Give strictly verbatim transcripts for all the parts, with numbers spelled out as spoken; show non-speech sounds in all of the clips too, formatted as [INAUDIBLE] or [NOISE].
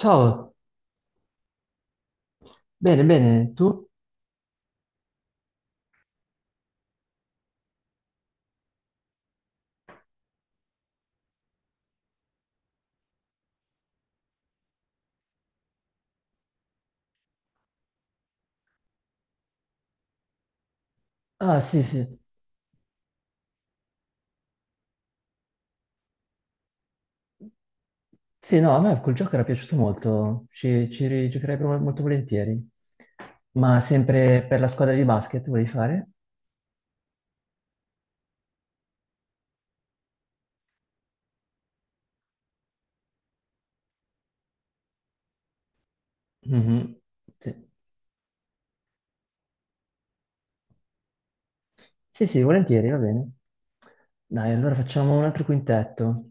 Ciao, bene, bene, tu? Ah, sì, sì, sì, no, a me quel gioco era piaciuto molto, ci, ci rigiocherei pro- molto volentieri. Ma sempre per la squadra di basket vuoi fare? Mhm. Sì. Sì, sì, volentieri, va bene. Dai, allora facciamo un altro quintetto.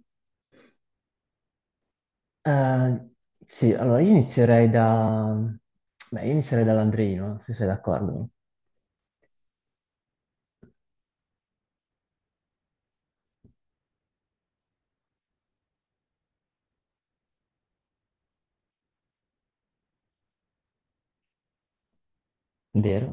Eh, sì, allora io inizierei da... Beh, io inizierei dall'Andreino, se sei d'accordo. Vero?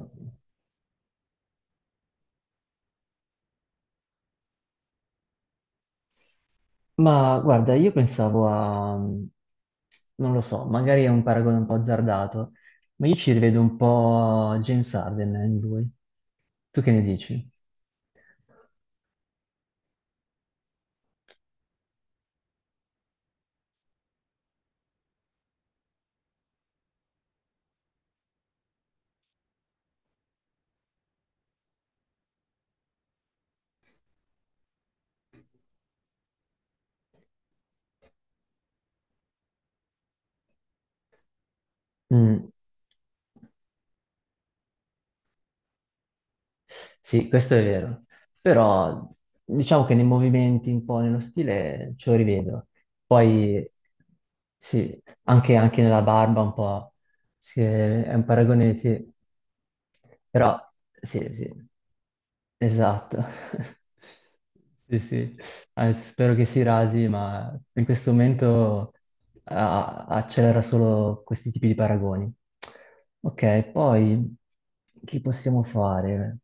Ma guarda, io pensavo a, non lo so, magari è un paragone un po' azzardato, ma io ci rivedo un po' James Harden in lui. Tu che ne dici? Mm. Sì, questo è vero, però diciamo che nei movimenti, un po' nello stile, ce lo rivedo. Poi sì, anche, anche nella barba un po', sì, è un paragone, sì, però sì, sì. Esatto. [LAUGHS] Sì, sì, Eh, spero che si rasi, ma in questo momento ah, accelera solo questi tipi di paragoni. Ok, poi chi possiamo fare?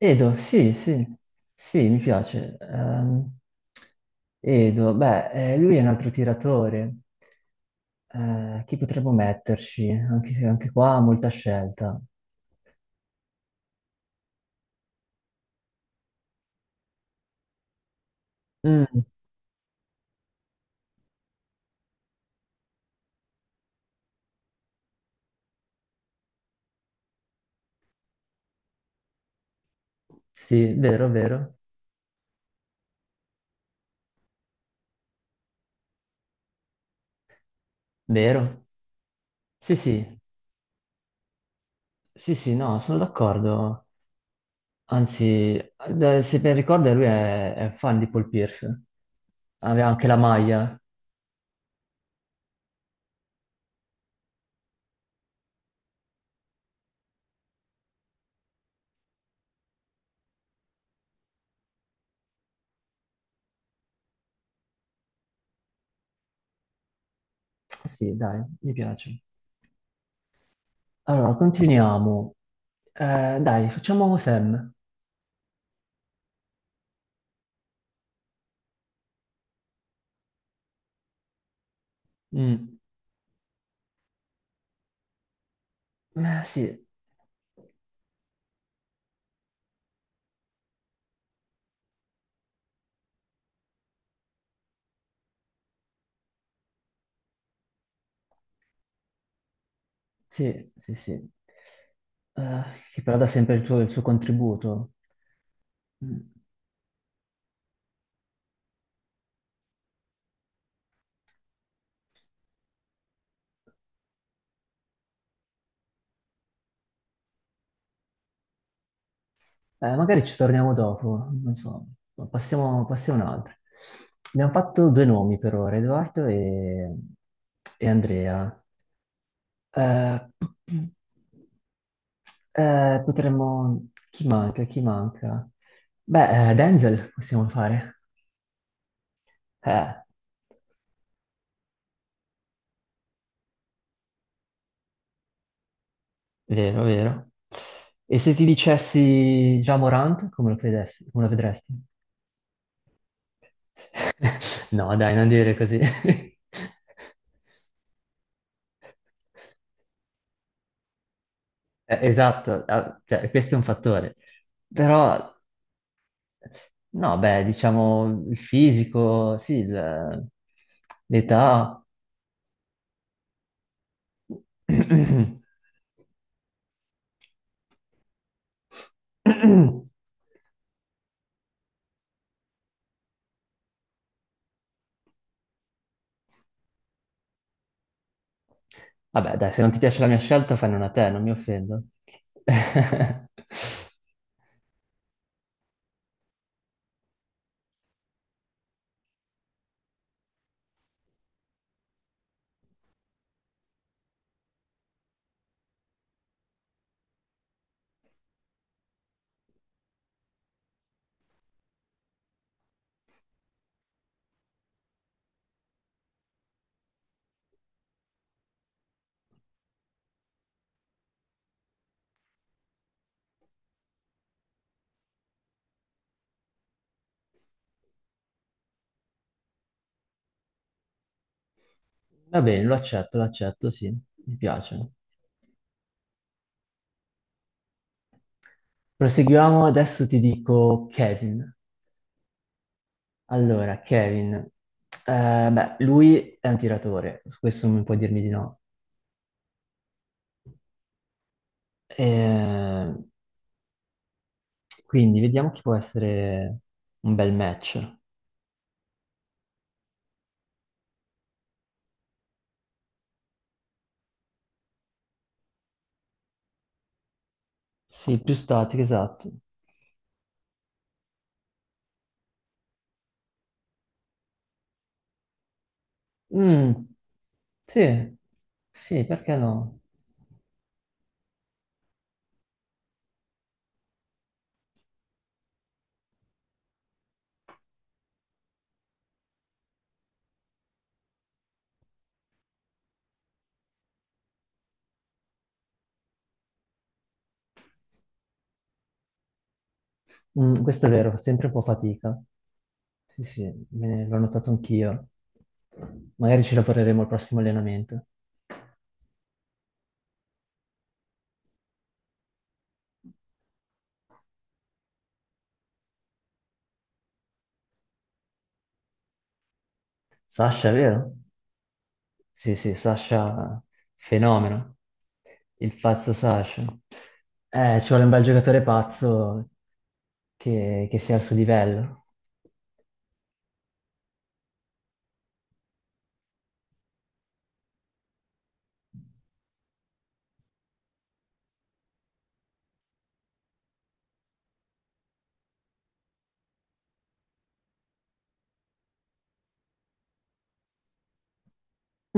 Edo, sì, sì, sì, mi piace. Ehm, Edo, beh, eh, lui è un altro tiratore. Eh, chi potremmo metterci? Anche, se- anche qua ha molta scelta. Mm, sì, vero, vero, vero. Sì, sì, sì, sì, no, sono d'accordo. Anzi, eh, se ben ricordo, lui è, è fan di Paul Pierce. Aveva anche la maglia. Sì, dai, mi piace. Allora, continuiamo. Eh, dai, facciamo Sam. Mm. Eh, sì, sì, sì, sì. Eh, che però dà sempre il suo, il suo contributo. Mm. Eh, magari ci torniamo dopo, non so, ma passiamo, passiamo a un'altra. Abbiamo fatto due nomi per ora, Edoardo e, e Andrea. Eh, eh, potremmo... Chi manca? Chi manca? Beh, eh, Denzel possiamo fare. Eh, vero, vero. E se ti dicessi già Morant, come lo vedresti? Come lo vedresti? [LAUGHS] No, dai, non dire così. [LAUGHS] Eh, Esatto, ah, cioè, questo è un fattore. Però, no, beh, diciamo il fisico, sì, il- l'età. [CLEARS THROAT] Vabbè, dai, se non ti piace la mia scelta, fai una te, non mi offendo. [LAUGHS] Va bene, lo accetto, lo accetto, sì, mi piace. Proseguiamo, adesso ti dico Kevin. Allora, Kevin, eh, beh, lui è un tiratore, su questo non puoi dirmi di no. Eh, quindi vediamo chi può essere un bel match. Sì, più statico, esatto. Mm, sì, sì, perché no? Mm, questo è vero, fa sempre un po' fatica. Sì, sì, me ne- l'ho notato anch'io. Magari ci lavoreremo al prossimo allenamento. Sasha, vero? Sì, sì, Sasha, fenomeno. Il pazzo Sasha. Eh, ci vuole un bel giocatore pazzo che, che sia al suo livello.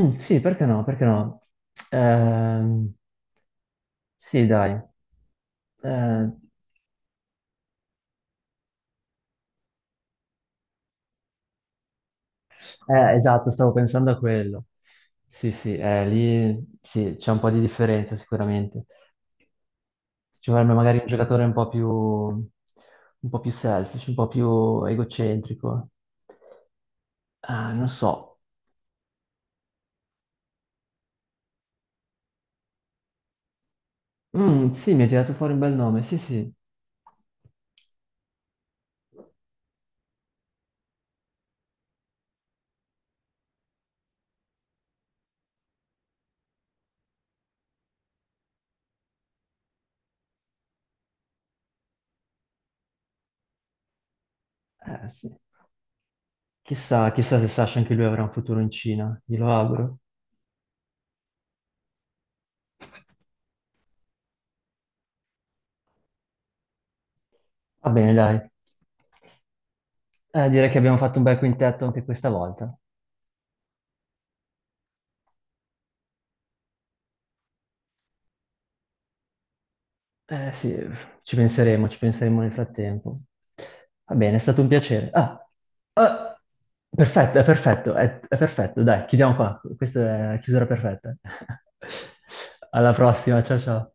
Mm, sì, perché no? Perché no? Ehm, sì, dai. Eh, eh, esatto, stavo pensando a quello. Sì, sì, eh, lì sì, c'è un po' di differenza sicuramente. Ci vorrebbe magari un giocatore un po' più, un po' più selfish, un po' più egocentrico. Ah, non so. Mm, sì, mi ha tirato fuori un bel nome, sì, sì. Eh, sì. Chissà, chissà se Sasha anche lui avrà un futuro in Cina, glielo auguro. Va bene, dai. Eh, direi che abbiamo fatto un bel quintetto anche questa volta. Eh sì, ci penseremo, ci penseremo nel frattempo. Va bene, è stato un piacere. Ah, ah, perfetto, è perfetto, è, è perfetto, dai, chiudiamo qua. Questa è la chiusura perfetta. [LAUGHS] Alla prossima, ciao ciao.